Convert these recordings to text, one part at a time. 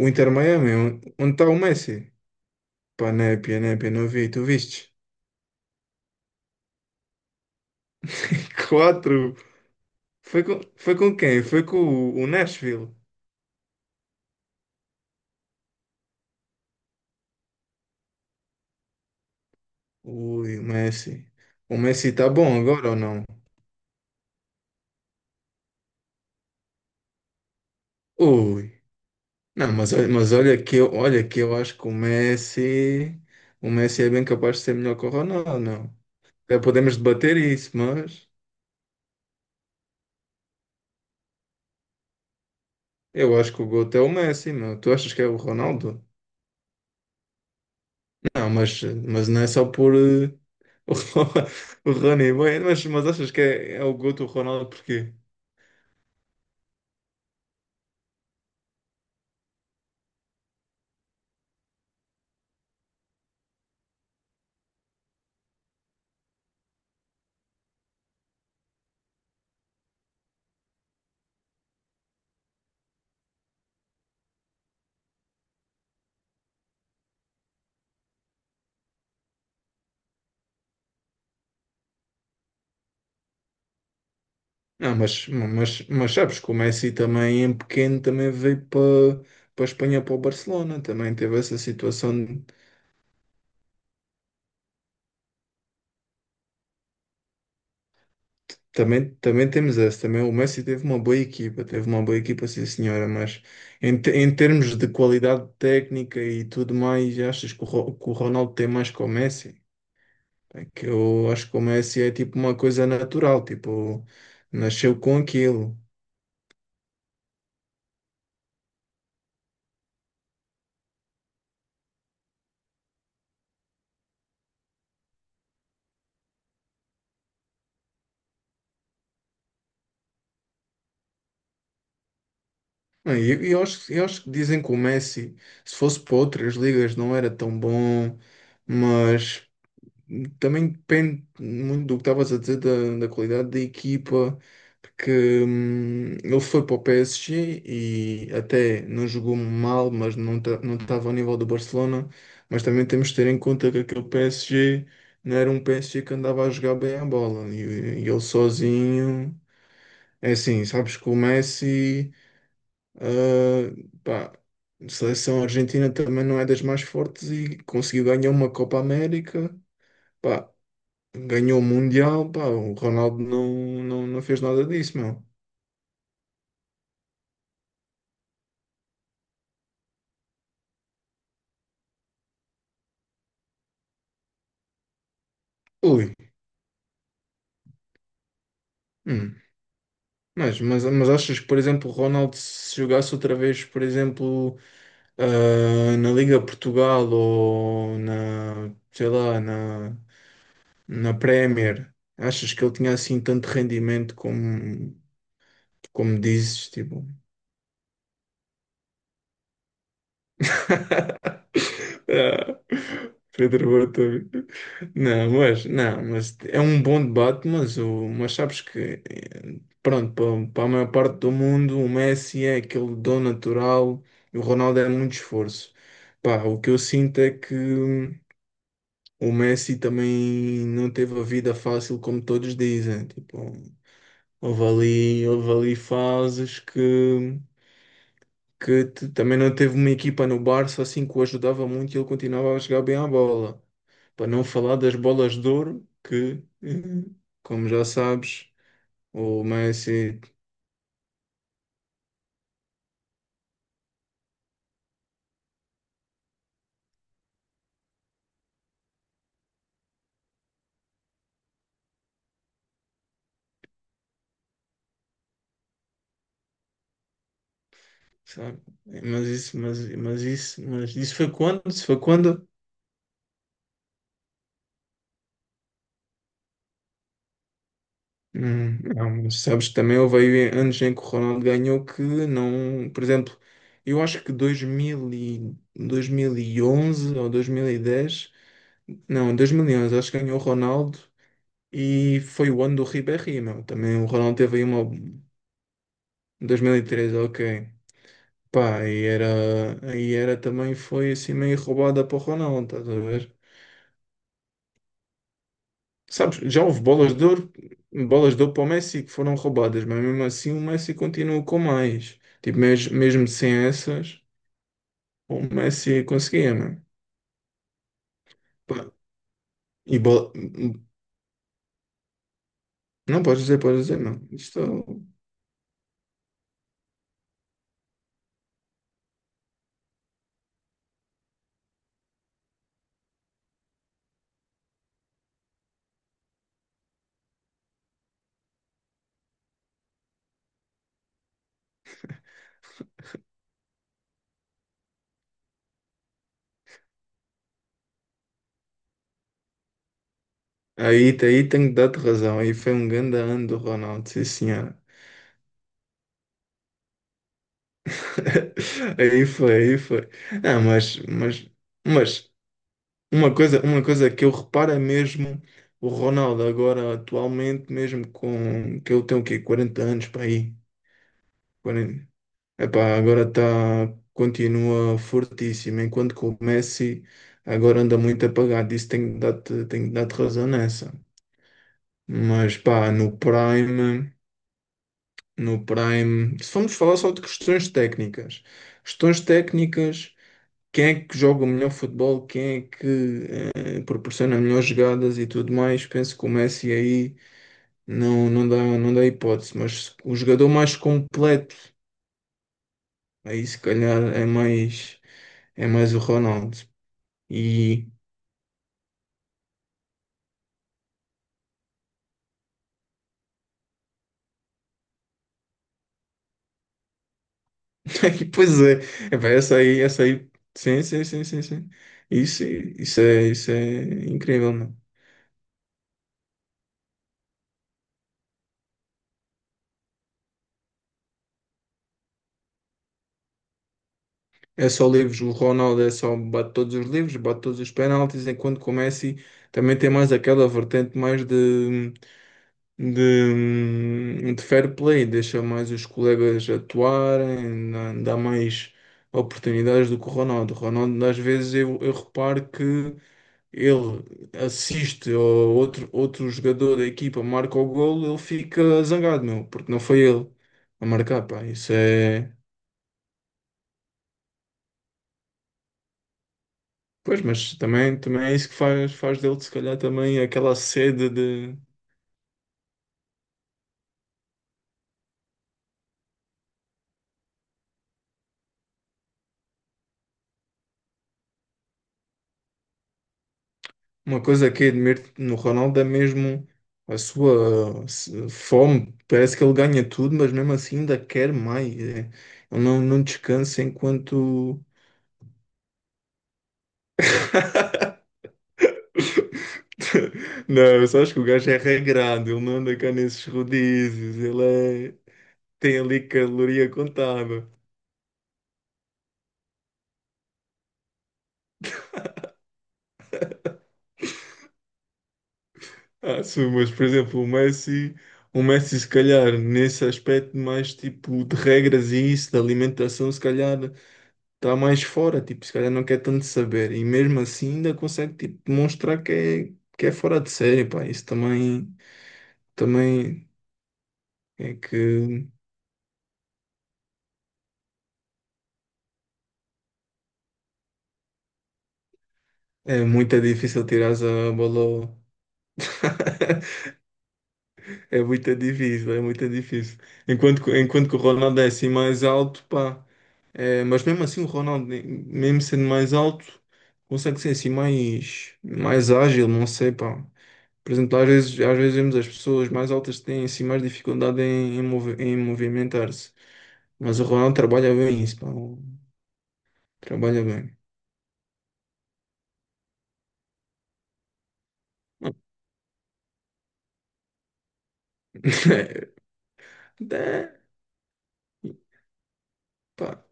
O Inter Miami, onde está o Messi? Pá, népia, népia, não vi, tu viste? Quatro. Foi com quem? Foi com o Nashville. Ui, o Messi. O Messi está bom agora ou não? Ui. Não, mas, mas olha que eu acho que o Messi é bem capaz de ser melhor que o Ronaldo, não. É, podemos debater isso, mas eu acho que o GOAT é o Messi, meu. Tu achas que é o Ronaldo? Não, mas não é só por o, Rony, mas achas que é o Guto o Ronaldo porquê? Não, mas sabes que o Messi também em pequeno também veio para para a Espanha, para o Barcelona, também teve essa situação, de- também, também temos essa, também o Messi teve uma boa equipa, teve uma boa equipa, sim senhora, mas em, em termos de qualidade técnica e tudo mais, achas que que o Ronaldo tem mais que o Messi? É que eu acho que o Messi é tipo uma coisa natural, tipo, nasceu com aquilo. Não, e eu acho que dizem que o Messi, se fosse para outras ligas, não era tão bom, mas também depende muito do que estavas a dizer da qualidade da equipa, porque ele foi para o PSG e até não jogou mal, mas não estava ao nível do Barcelona. Mas também temos de ter em conta que aquele PSG não era um PSG que andava a jogar bem a bola e ele sozinho. É assim, sabes que o Messi, ah, pá, a seleção argentina também não é das mais fortes e conseguiu ganhar uma Copa América. Pá, ganhou o Mundial, pá, o Ronaldo não fez nada disso, meu. Ui, hum. Mas achas que, por exemplo, o Ronaldo se jogasse outra vez, por exemplo, na Liga Portugal ou na, sei lá, na, na Premier, achas que ele tinha assim tanto rendimento como, como dizes, tipo? Ah, Pedro Botelho. Não, mas é um bom debate, mas, mas sabes que, pronto, para a maior parte do mundo, o Messi é aquele dom natural e o Ronaldo é muito esforço. Pá, o que eu sinto é que o Messi também não teve a vida fácil como todos dizem. Tipo, houve ali fases também não teve uma equipa no Barça assim que o ajudava muito e ele continuava a jogar bem à bola. Para não falar das bolas de ouro, que, como já sabes, o Messi, sabe? Mas isso, mas isso foi quando? Isso foi quando? Não, mas sabes que também houve aí anos em que o Ronaldo ganhou que não, por exemplo, eu acho que 2011 ou 2010 não, 2011 acho que ganhou o Ronaldo e foi o ano do Ribéry, meu. Também o Ronaldo teve aí uma dois mil e três, ok. Pá, e era também foi assim meio roubada para o Ronaldo, estás a ver? Sabes, já houve bolas de ouro para o Messi que foram roubadas, mas mesmo assim o Messi continua com mais. Tipo, mesmo sem essas, o Messi conseguia, mano. Pá, e bola... Não, podes dizer, não. Isto... Aí, aí tenho de dar-te razão. Aí foi um grande ano do Ronaldo, sim senhora. Aí foi, aí foi. Não, mas uma coisa, uma coisa que eu reparo é mesmo o Ronaldo agora atualmente, mesmo com que ele tem o quê? 40 anos para aí. 40. Epá, agora está continua fortíssimo, enquanto que o Messi agora anda muito apagado. Isso tenho de dar-te razão nessa. Mas pá, no Prime, no Prime, se formos falar só de questões técnicas, questões técnicas, quem é que joga o melhor futebol, quem é que proporciona melhores jogadas e tudo mais, penso que o Messi aí não dá, não dá hipótese, mas o jogador mais completo, aí se calhar é mais o Ronaldo. E, e pois é, epá, essa aí, sim. Isso é incrível, não é? Só livros, o Ronaldo é só bate todos os livros, bate todos os penaltis, enquanto que o Messi também tem mais aquela vertente mais de fair play, deixa mais os colegas atuarem, dá mais oportunidades do que o Ronaldo. O Ronaldo, às vezes, eu reparo que ele assiste ao outro, outro jogador da equipa, marca o golo, ele fica zangado, meu, porque não foi ele a marcar, pá. Isso é. Pois, mas também, também é isso que faz dele, se calhar, também aquela sede de. Uma coisa que admiro no Ronaldo é mesmo a sua se- fome. Parece que ele ganha tudo, mas mesmo assim ainda quer mais. É, ele não descansa enquanto. Não, eu só acho que o gajo é regrado, ele não anda cá nesses rodízios, ele é... tem ali caloria contada. Ah, sim, mas por exemplo, o Messi se calhar nesse aspecto mais tipo de regras e isso, de alimentação, se calhar, está mais fora, tipo, se calhar não quer tanto saber. E mesmo assim ainda consegue, tipo, demonstrar que é fora de série, pá. Isso também, também é que é muito difícil tirar a bola. Ao- é muito difícil, é muito difícil. Enquanto que o Ronaldo é assim mais alto, pá. É, mas mesmo assim o Ronaldo, mesmo sendo mais alto, consegue ser assim mais, mais ágil, não sei, pá. Por exemplo, às vezes vemos as pessoas mais altas que têm assim mais dificuldade em movimentar-se. Mas o Ronaldo trabalha bem isso, pá. Trabalha bem. Dá- pá.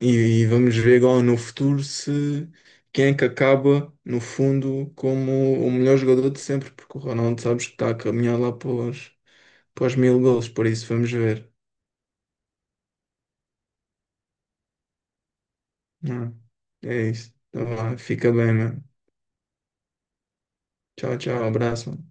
E, e vamos ver agora no futuro se quem é que acaba, no fundo, como o melhor jogador de sempre, porque o Ronaldo sabes que está a caminhar lá para para os 1000 gols, por isso vamos ver. Não, é isso. Então, vá, fica bem, mano. Tchau, tchau, abraço, mano.